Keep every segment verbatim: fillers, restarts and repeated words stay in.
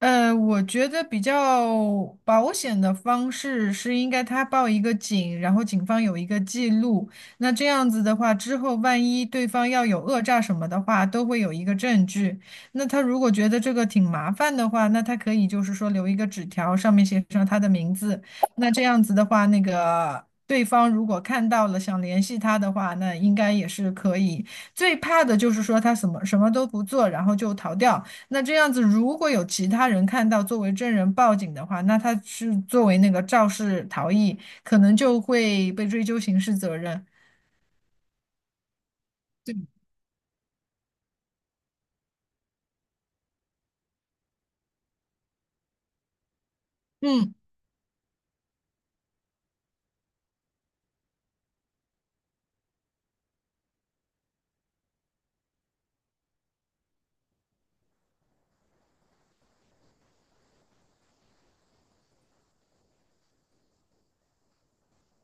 呃，我觉得比较保险的方式是应该他报一个警，然后警方有一个记录。那这样子的话，之后万一对方要有讹诈什么的话，都会有一个证据。那他如果觉得这个挺麻烦的话，那他可以就是说留一个纸条，上面写上他的名字。那这样子的话，那个对方如果看到了想联系他的话，那应该也是可以。最怕的就是说他什么什么都不做，然后就逃掉。那这样子，如果有其他人看到作为证人报警的话，那他是作为那个肇事逃逸，可能就会被追究刑事责任。对，嗯，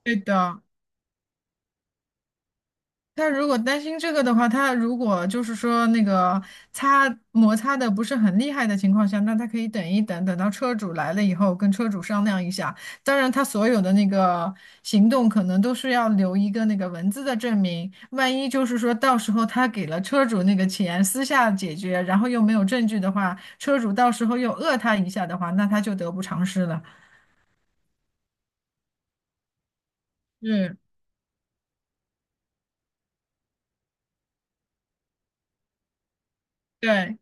对的。他如果担心这个的话，他如果就是说那个擦摩擦的不是很厉害的情况下，那他可以等一等，等到车主来了以后跟车主商量一下。当然，他所有的那个行动可能都是要留一个那个文字的证明，万一就是说到时候他给了车主那个钱，私下解决，然后又没有证据的话，车主到时候又讹他一下的话，那他就得不偿失了。嗯，对。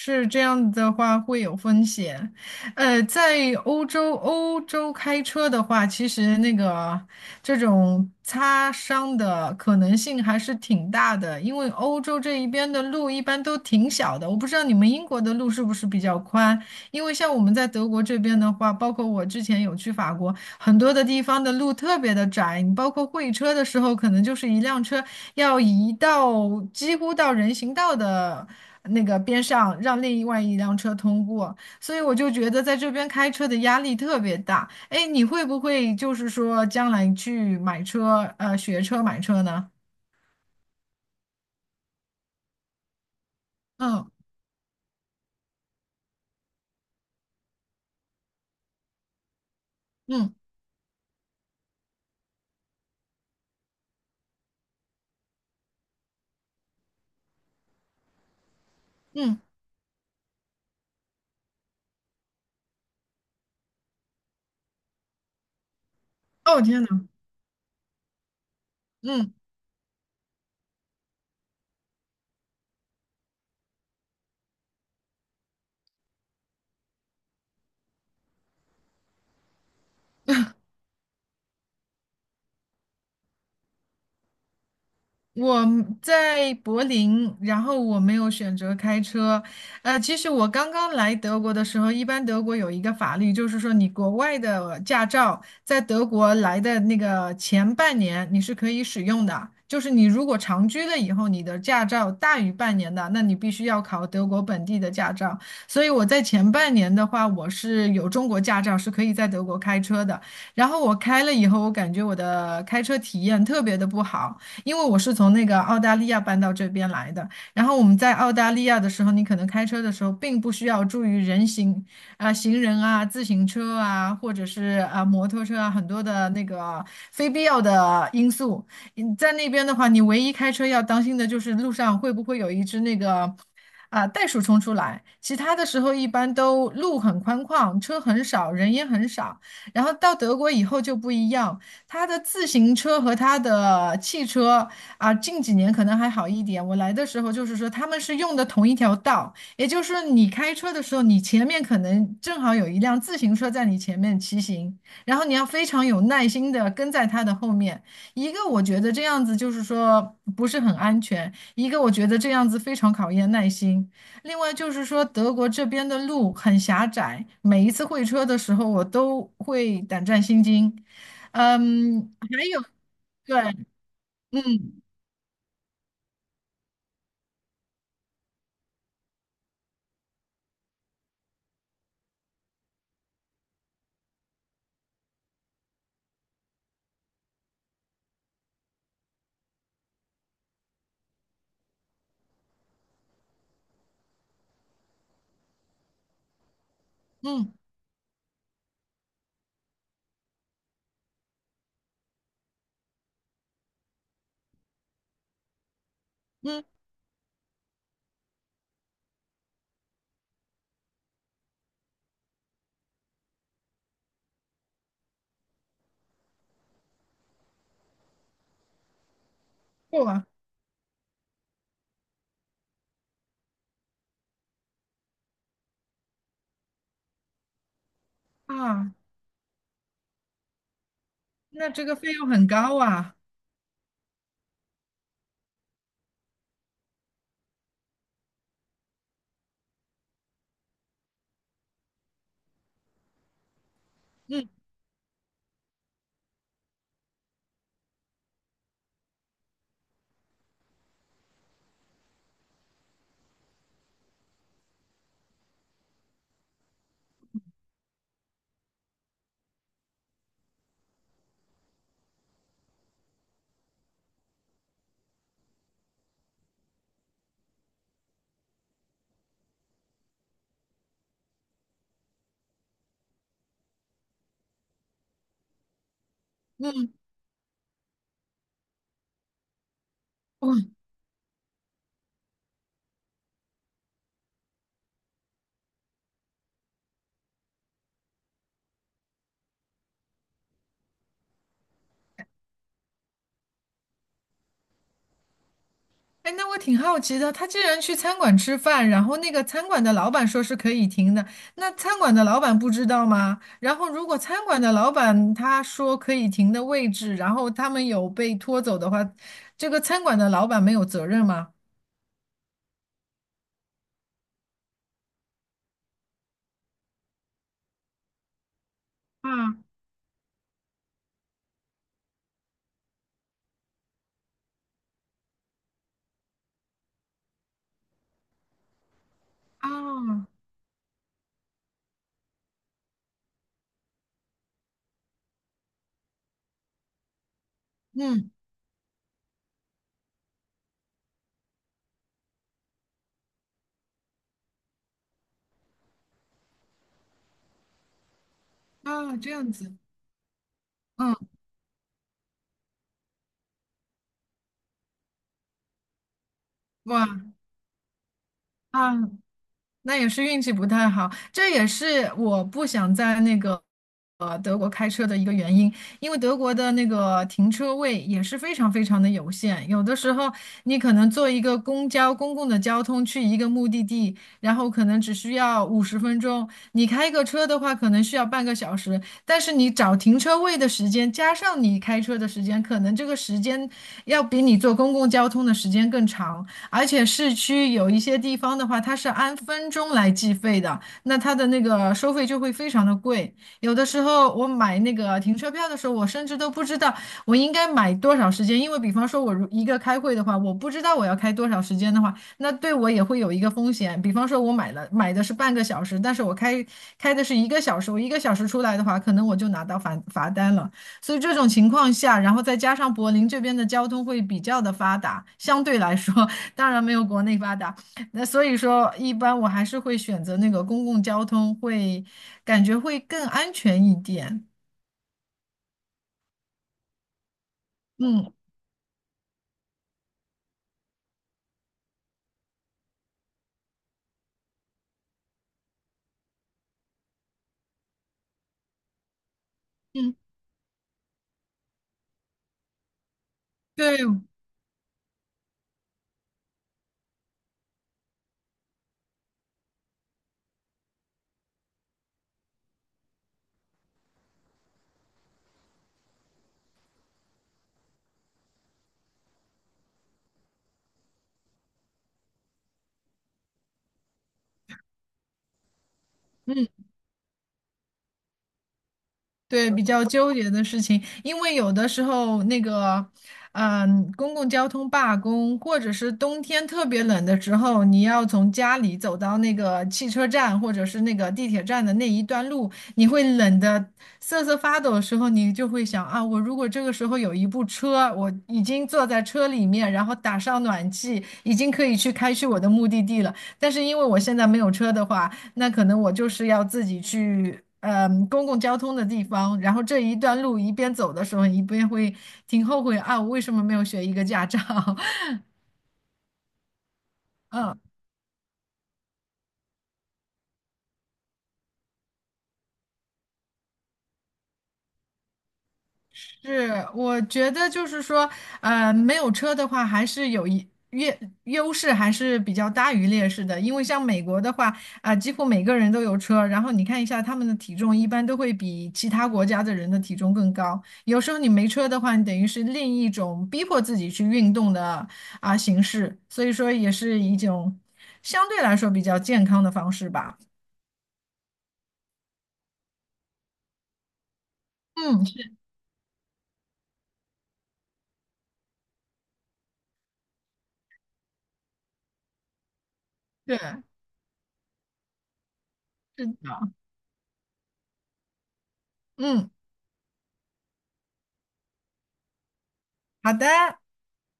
是这样子的话会有风险，呃，在欧洲欧洲开车的话，其实那个这种擦伤的可能性还是挺大的，因为欧洲这一边的路一般都挺小的，我不知道你们英国的路是不是比较宽，因为像我们在德国这边的话，包括我之前有去法国，很多的地方的路特别的窄，你包括会车的时候，可能就是一辆车要移到几乎到人行道的。那个边上让另外一辆车通过，所以我就觉得在这边开车的压力特别大。哎，你会不会就是说将来去买车，呃，学车买车呢？嗯嗯嗯，哦天呐，嗯。我在柏林，然后我没有选择开车。呃，其实我刚刚来德国的时候，一般德国有一个法律，就是说你国外的驾照在德国来的那个前半年你是可以使用的，就是你如果长居了以后，你的驾照大于半年的，那你必须要考德国本地的驾照。所以我在前半年的话，我是有中国驾照，是可以在德国开车的。然后我开了以后，我感觉我的开车体验特别的不好。因为我是从那个澳大利亚搬到这边来的。然后我们在澳大利亚的时候，你可能开车的时候并不需要注意人行啊、行人啊、自行车啊，或者是啊、摩托车啊，很多的那个非必要的因素。嗯在那边的话，你唯一开车要当心的就是路上会不会有一只那个。啊，袋鼠冲出来，其他的时候一般都路很宽旷，车很少，人也很少。然后到德国以后就不一样，他的自行车和他的汽车啊，近几年可能还好一点。我来的时候就是说，他们是用的同一条道，也就是说，你开车的时候，你前面可能正好有一辆自行车在你前面骑行，然后你要非常有耐心的跟在他的后面。一个我觉得这样子就是说不是很安全，一个我觉得这样子非常考验耐心。另外就是说，德国这边的路很狭窄，每一次会车的时候，我都会胆战心惊，嗯，还有对，嗯嗯嗯，不啊，啊那这个费用很高啊。嗯嗯，哎，那我挺好奇的，他既然去餐馆吃饭，然后那个餐馆的老板说是可以停的，那餐馆的老板不知道吗？然后如果餐馆的老板他说可以停的位置，然后他们有被拖走的话，这个餐馆的老板没有责任吗？啊啊，嗯啊，这样子，嗯，哇。啊。那也是运气不太好，这也是我不想在那个呃德国开车的一个原因，因为德国的那个停车位也是非常非常的有限，有的时候你可能坐一个公交公共的交通去一个目的地，然后可能只需要五十分钟，你开个车的话可能需要半个小时，但是你找停车位的时间加上你开车的时间，可能这个时间要比你坐公共交通的时间更长。而且市区有一些地方的话，它是按分钟来计费的，那它的那个收费就会非常的贵。有的时候我买那个停车票的时候，我甚至都不知道我应该买多少时间，因为比方说我如一个开会的话，我不知道我要开多少时间的话，那对我也会有一个风险。比方说我买了买的是半个小时，但是我开开的是一个小时，我一个小时出来的话，可能我就拿到罚罚单了。所以这种情况下，然后再加上柏林这边的交通会比较的发达，相对来说，当然没有国内发达。那所以说，一般我还是会选择那个公共交通，会感觉会更安全一点。嗯嗯，对，嗯对，比较纠结的事情，因为有的时候那个，嗯，公共交通罢工，或者是冬天特别冷的时候，你要从家里走到那个汽车站或者是那个地铁站的那一段路，你会冷的瑟瑟发抖的时候，你就会想啊，我如果这个时候有一部车，我已经坐在车里面，然后打上暖气，已经可以去开去我的目的地了。但是因为我现在没有车的话。那可能我就是要自己去，嗯，公共交通的地方，然后这一段路一边走的时候，一边会挺后悔啊，我为什么没有学一个驾照？嗯。是，我觉得就是说，呃，没有车的话，还是有一优优势，还是比较大于劣势的。因为像美国的话，啊、几乎每个人都有车，然后你看一下他们的体重，一般都会比其他国家的人的体重更高。有时候你没车的话，你等于是另一种逼迫自己去运动的啊、形式，所以说也是一种相对来说比较健康的方式吧。嗯，是是的，嗯，好的。